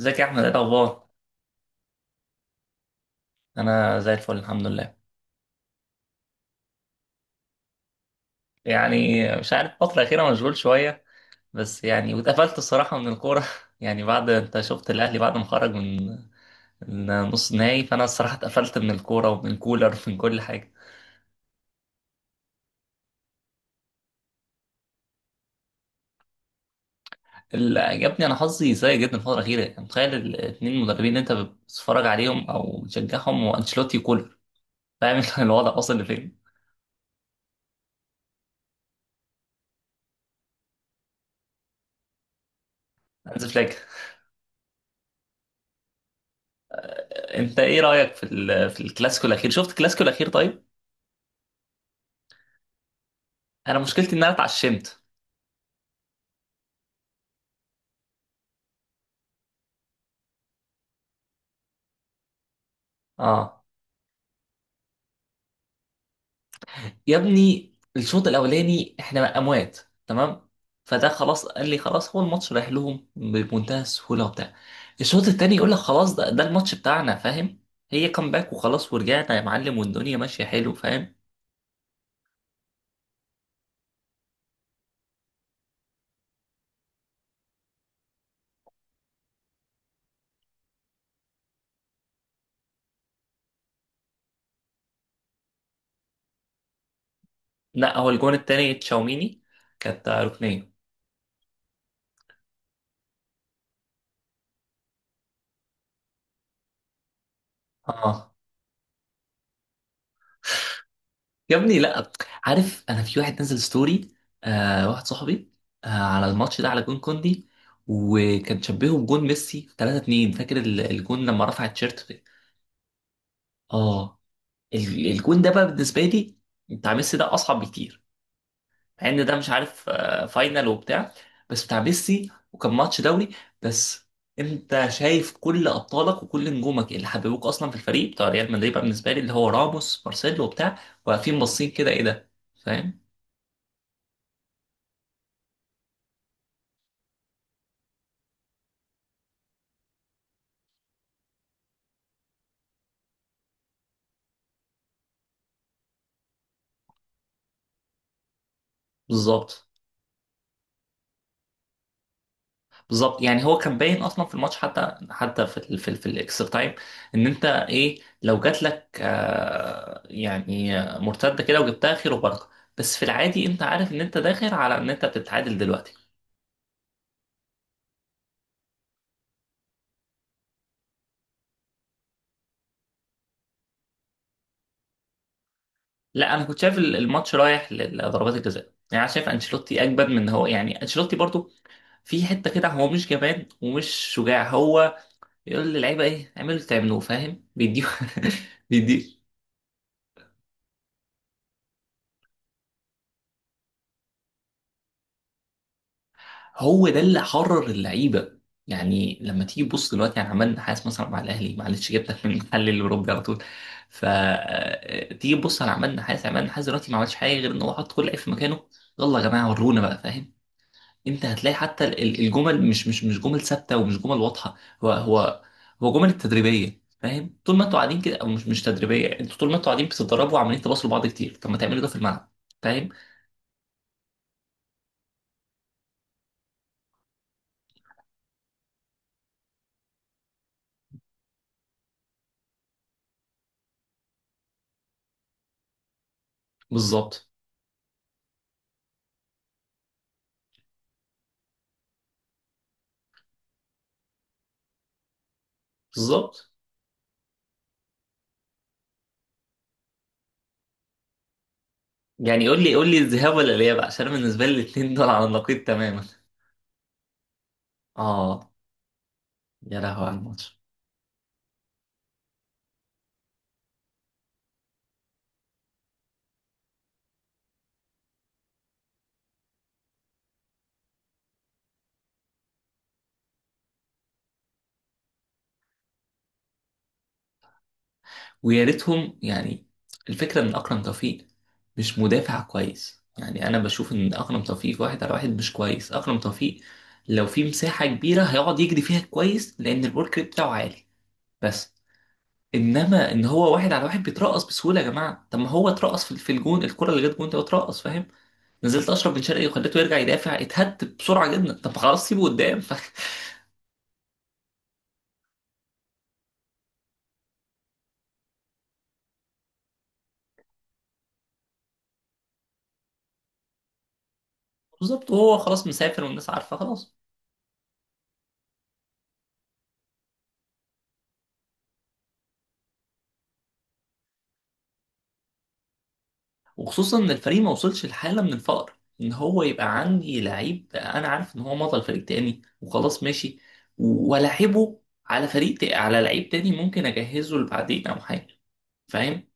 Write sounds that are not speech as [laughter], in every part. ازيك يا احمد؟ ايه الاخبار؟ انا زي الفل، الحمد لله. يعني مش عارف، الفتره الاخيره مشغول شويه. بس يعني واتقفلت الصراحه من الكوره [laughs] يعني بعد، انت شفت الاهلي بعد ما خرج من نص نهائي، فانا الصراحه اتقفلت من الكوره ومن كولر ومن كل حاجه. اللي عجبني، انا حظي سيء جدا الفتره الاخيره. يعني متخيل الاثنين مدربين اللي انت بتتفرج عليهم او بتشجعهم، وانشيلوتي وكولر، فاهم انت الوضع واصل لفين؟ هانز فليك. انت ايه رايك في في الكلاسيكو الاخير؟ شفت الكلاسيكو الاخير؟ طيب. انا مشكلتي ان انا اتعشمت. اه. يا ابني الشوط الاولاني احنا اموات. تمام. فده خلاص، قال لي خلاص، هو الماتش رايح لهم بمنتهى السهوله وبتاع. الشوط التاني يقول لك خلاص، ده الماتش بتاعنا، فاهم؟ هي كامباك، وخلاص ورجعنا يا معلم، والدنيا ماشيه حلو، فاهم؟ لا، هو الجون التاني تشاوميني، كانت ركنيه. اه. يا ابني لا. عارف، انا في واحد نزل ستوري، واحد صاحبي، على الماتش ده، على جون كوندي. وكان شبهه بجون ميسي 3 2، فاكر الجون لما رفع التيشيرت ده؟ اه. الجون ده بقى بالنسبه لي بتاع ميسي، ده اصعب بكتير. مع ان ده مش عارف، فاينل وبتاع. بس بتاع ميسي وكان ماتش دوري. بس انت شايف كل ابطالك وكل نجومك اللي حببوك اصلا في الفريق بتاع ريال مدريد، بقى بالنسبه لي اللي هو راموس مارسيلو وبتاع، واقفين باصين كده ايه ده، فاهم؟ بالظبط. بالظبط. يعني هو كان باين اصلا في الماتش، حتى حتى في ال في الاكسترا تايم، ان انت ايه، لو جات لك آه يعني مرتده كده وجبتها خير وبركه. بس في العادي انت عارف ان انت داخل على ان انت بتتعادل دلوقتي. لا، انا كنت شايف الماتش رايح لضربات الجزاء. يعني انا شايف انشيلوتي اجبد من إن هو، يعني انشيلوتي برضو في حته كده هو مش جبان ومش شجاع. هو يقول للعيبه ايه، اعملوا اللي تعملوه، فاهم؟ بيديهم. [laughs] بيدي. هو ده اللي حرر اللعيبه. يعني لما تيجي تبص دلوقتي، يعني عماد النحاس مثلا مع الاهلي، معلش جبتك من المحل الاوروبي على طول. ف تيجي تبص على عماد النحاس، عماد النحاس دلوقتي ما عملش حاجه غير ان هو حط كل لعيب في مكانه. يلا يا جماعه ورونا بقى، فاهم؟ انت هتلاقي حتى الجمل مش جمل ثابته ومش جمل واضحه. هو هو هو جمل تدريبيه، فاهم؟ طول ما انتوا قاعدين كده، او مش تدريبيه، انتوا طول ما انتوا قاعدين بتتدربوا وعمالين تباصوا لبعض كتير، طب ما تعملوا ده في الملعب، فاهم؟ بالظبط. بالظبط. يعني قول لي، الذهاب ولا الاياب؟ عشان انا بالنسبه لي الاثنين دول على النقيض تماما. اه. يا لهوي على الماتش. ويا ريتهم يعني. الفكره ان اكرم توفيق مش مدافع كويس. يعني انا بشوف ان اكرم توفيق في واحد على واحد مش كويس، اكرم توفيق لو في مساحه كبيره هيقعد يجري فيها كويس، لان الورك ريت بتاعه عالي. بس انما ان هو واحد على واحد بيترقص بسهوله، يا جماعه طب ما هو اترقص في الجون، الكره اللي جت جون ده اترقص، فاهم؟ نزلت اشرف بن شرقي وخليته يرجع يدافع، اتهد بسرعه جدا، طب خلاص سيبه قدام. [laughs] بالظبط. وهو خلاص مسافر والناس عارفه خلاص. وخصوصا ان الفريق ما وصلش لحاله من الفقر ان هو يبقى عندي لعيب انا عارف ان هو مضى لفريق تاني، وخلاص ماشي. والاعبه على على لعيب تاني ممكن اجهزه لبعدين او حاجه، فاهم؟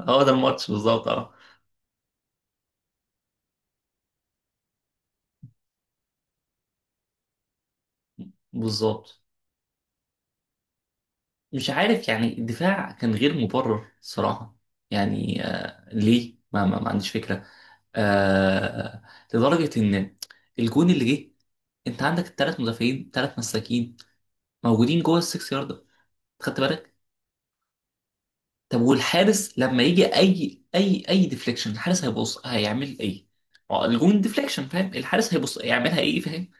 هو ده الماتش بالظبط، اه. بالظبط. مش عارف، يعني الدفاع كان غير مبرر صراحه. يعني آه ليه، ما عنديش فكره. آه آه، لدرجه ان الجون اللي جه، انت عندك الثلاث مدافعين، ثلاث مساكين موجودين جوه السكس يارده، خدت بالك؟ طب والحارس لما يجي اي ديفليكشن، الحارس هيبص هيعمل ايه؟ ما هو الجون ديفليكشن، فاهم؟ الحارس هيبص هيعملها ايه، فاهم؟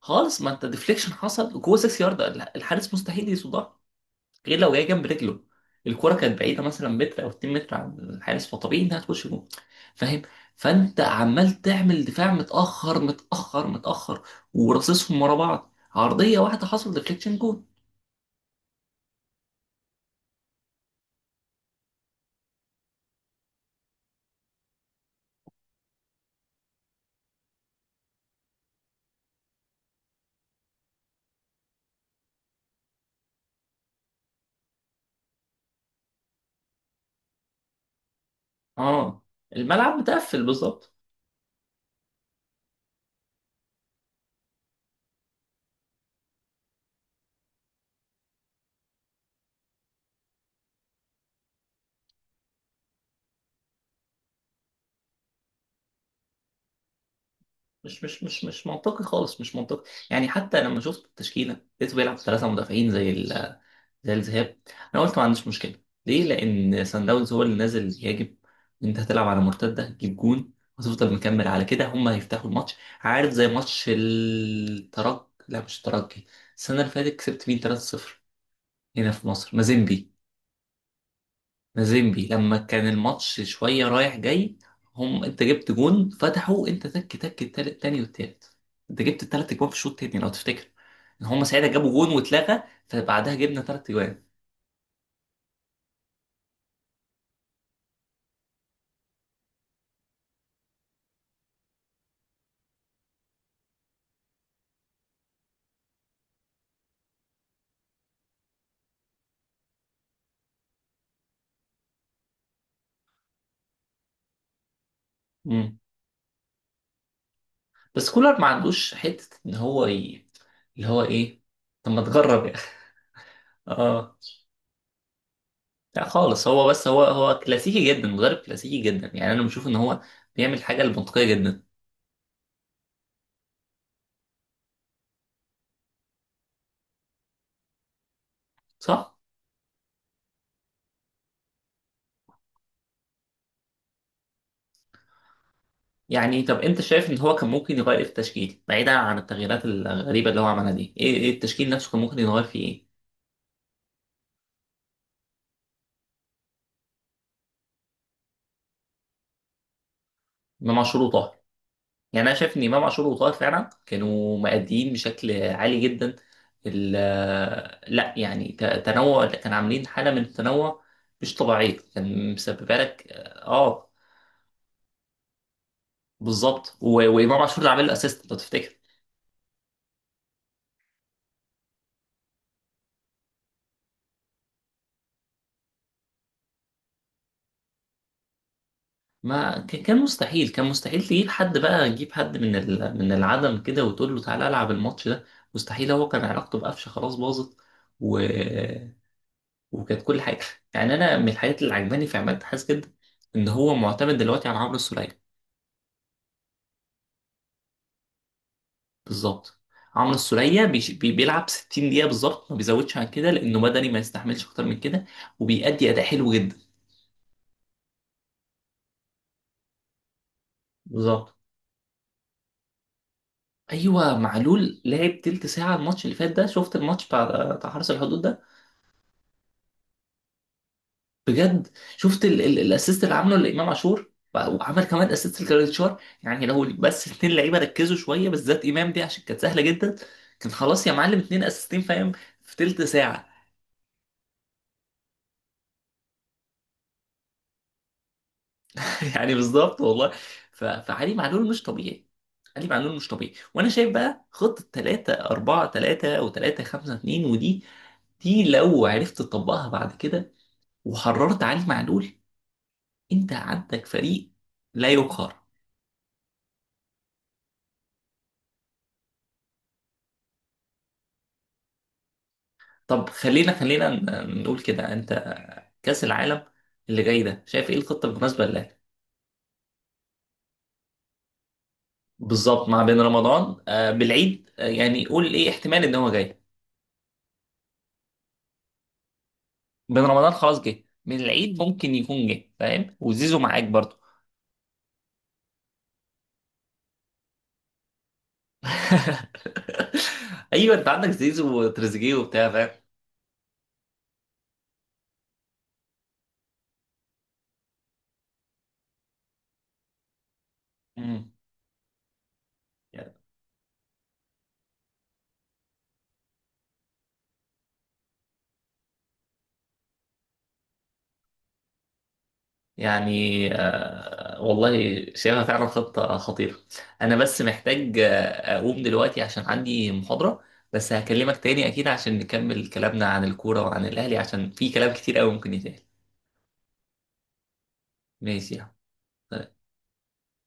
خالص، ما انت ديفليكشن حصل جوه 6 يارده، الحارس مستحيل يصدها غير لو جاي جنب رجله. الكرة كانت بعيدة مثلا متر أو 2 متر عن الحارس، فطبيعي إنها تخش جون، فاهم؟ فأنت عمال تعمل دفاع متأخر متأخر متأخر، وراصصهم ورا بعض، عرضية واحدة حصل ديفليكشن جون. اه، الملعب متقفل بالظبط. مش منطقي خالص، مش منطقي. يعني حتى لما شفت التشكيله لقيته بيلعب ثلاثه مدافعين زي زي الذهاب. انا قلت ما عنديش مشكله. ليه؟ لان سان داونز هو اللي نازل يهاجم، انت هتلعب على مرتده، هتجيب جون وتفضل مكمل على كده، هم هيفتحوا الماتش. عارف زي ماتش الترجي؟ لا، مش الترجي. السنه اللي فاتت كسبت مين 3-0؟ هنا في مصر، مازيمبي. مازيمبي لما كان الماتش شوية رايح جاي، هم انت جبت جون فتحوا، انت تك تك، التالت تاني والتالت. انت جبت التلات اجوان في الشوط التاني لو تفتكر. ان هم ساعتها جابوا جون واتلغى، فبعدها جبنا تلات اجوان. مم. بس كولر ما عندوش حتة ان هو اللي هو ايه، طب ما تجرب يا اخي. [laughs] اه. لا خالص، هو بس هو هو كلاسيكي جدا، مدرب كلاسيكي جدا. يعني انا بشوف ان هو بيعمل حاجة المنطقية جدا، صح؟ يعني طب انت شايف ان هو كان ممكن يغير ايه في التشكيل، بعيدا عن التغييرات الغريبه اللي هو عملها دي، ايه التشكيل نفسه كان ممكن يغير فيه ايه؟ امام عاشور وطاهر. يعني انا شايف ان امام عاشور وطاهر فعلا كانوا مأديين بشكل عالي جدا. لا يعني تنوع، كان عاملين حاله من التنوع مش طبيعيه، كان مسببه لك. اه، بالظبط. وامام عاشور اللي عامل الاسيست لو تفتكر. ما كان مستحيل، كان مستحيل تجيب حد بقى، تجيب حد من من العدم كده وتقول له تعالى العب الماتش ده، مستحيل. هو كان علاقته بقفشه خلاص باظت و... وكانت كل حاجه. [laughs] يعني انا من الحاجات اللي عجباني في عماد حاس جدا، ان هو معتمد دلوقتي على عمرو السوليه. بالظبط. عمرو السوليه بيلعب 60 دقيقه بالظبط، ما بيزودش عن كده لانه بدني ما يستحملش اكتر من كده، وبيأدي اداء حلو جدا. بالظبط. ايوه، معلول لعب تلت ساعه الماتش اللي فات ده، شفت الماتش بتاع حرس الحدود ده؟ بجد، شفت الاسيست اللي عامله لامام عاشور، وعمل كمان اسيست لجريتشار؟ يعني لو بس اتنين لعيبه ركزوا شويه، بالذات امام دي عشان كانت سهله جدا، كان خلاص يا معلم اتنين اسيستين، فاهم؟ في تلت ساعه. [laughs] يعني بالظبط والله. فعلي معلول مش طبيعي، علي معلول مش طبيعي. وانا شايف بقى خطه 3 4 3 و3 5 2، ودي لو عرفت تطبقها بعد كده وحررت علي معلول، انت عندك فريق لا يقهر. طب خلينا نقول كده، انت كأس العالم اللي جاي ده شايف ايه الخطة المناسبة لك؟ بالظبط، مع بين رمضان بالعيد، يعني قول ايه احتمال ان هو جاي، بين رمضان خلاص جه من العيد، ممكن يكون جه، فاهم؟ وزيزو معاك برضه. [laughs] ايوه، انت عندك زيزو وتريزيجيه وبتاع، فاهم؟ مم. يعني آه والله شايفها فعلا خطة خطيرة. أنا بس محتاج أقوم دلوقتي عشان عندي محاضرة. بس هكلمك تاني أكيد عشان نكمل كلامنا عن الكورة وعن الأهلي، عشان في كلام كتير أوي ممكن يتقال. ماشي.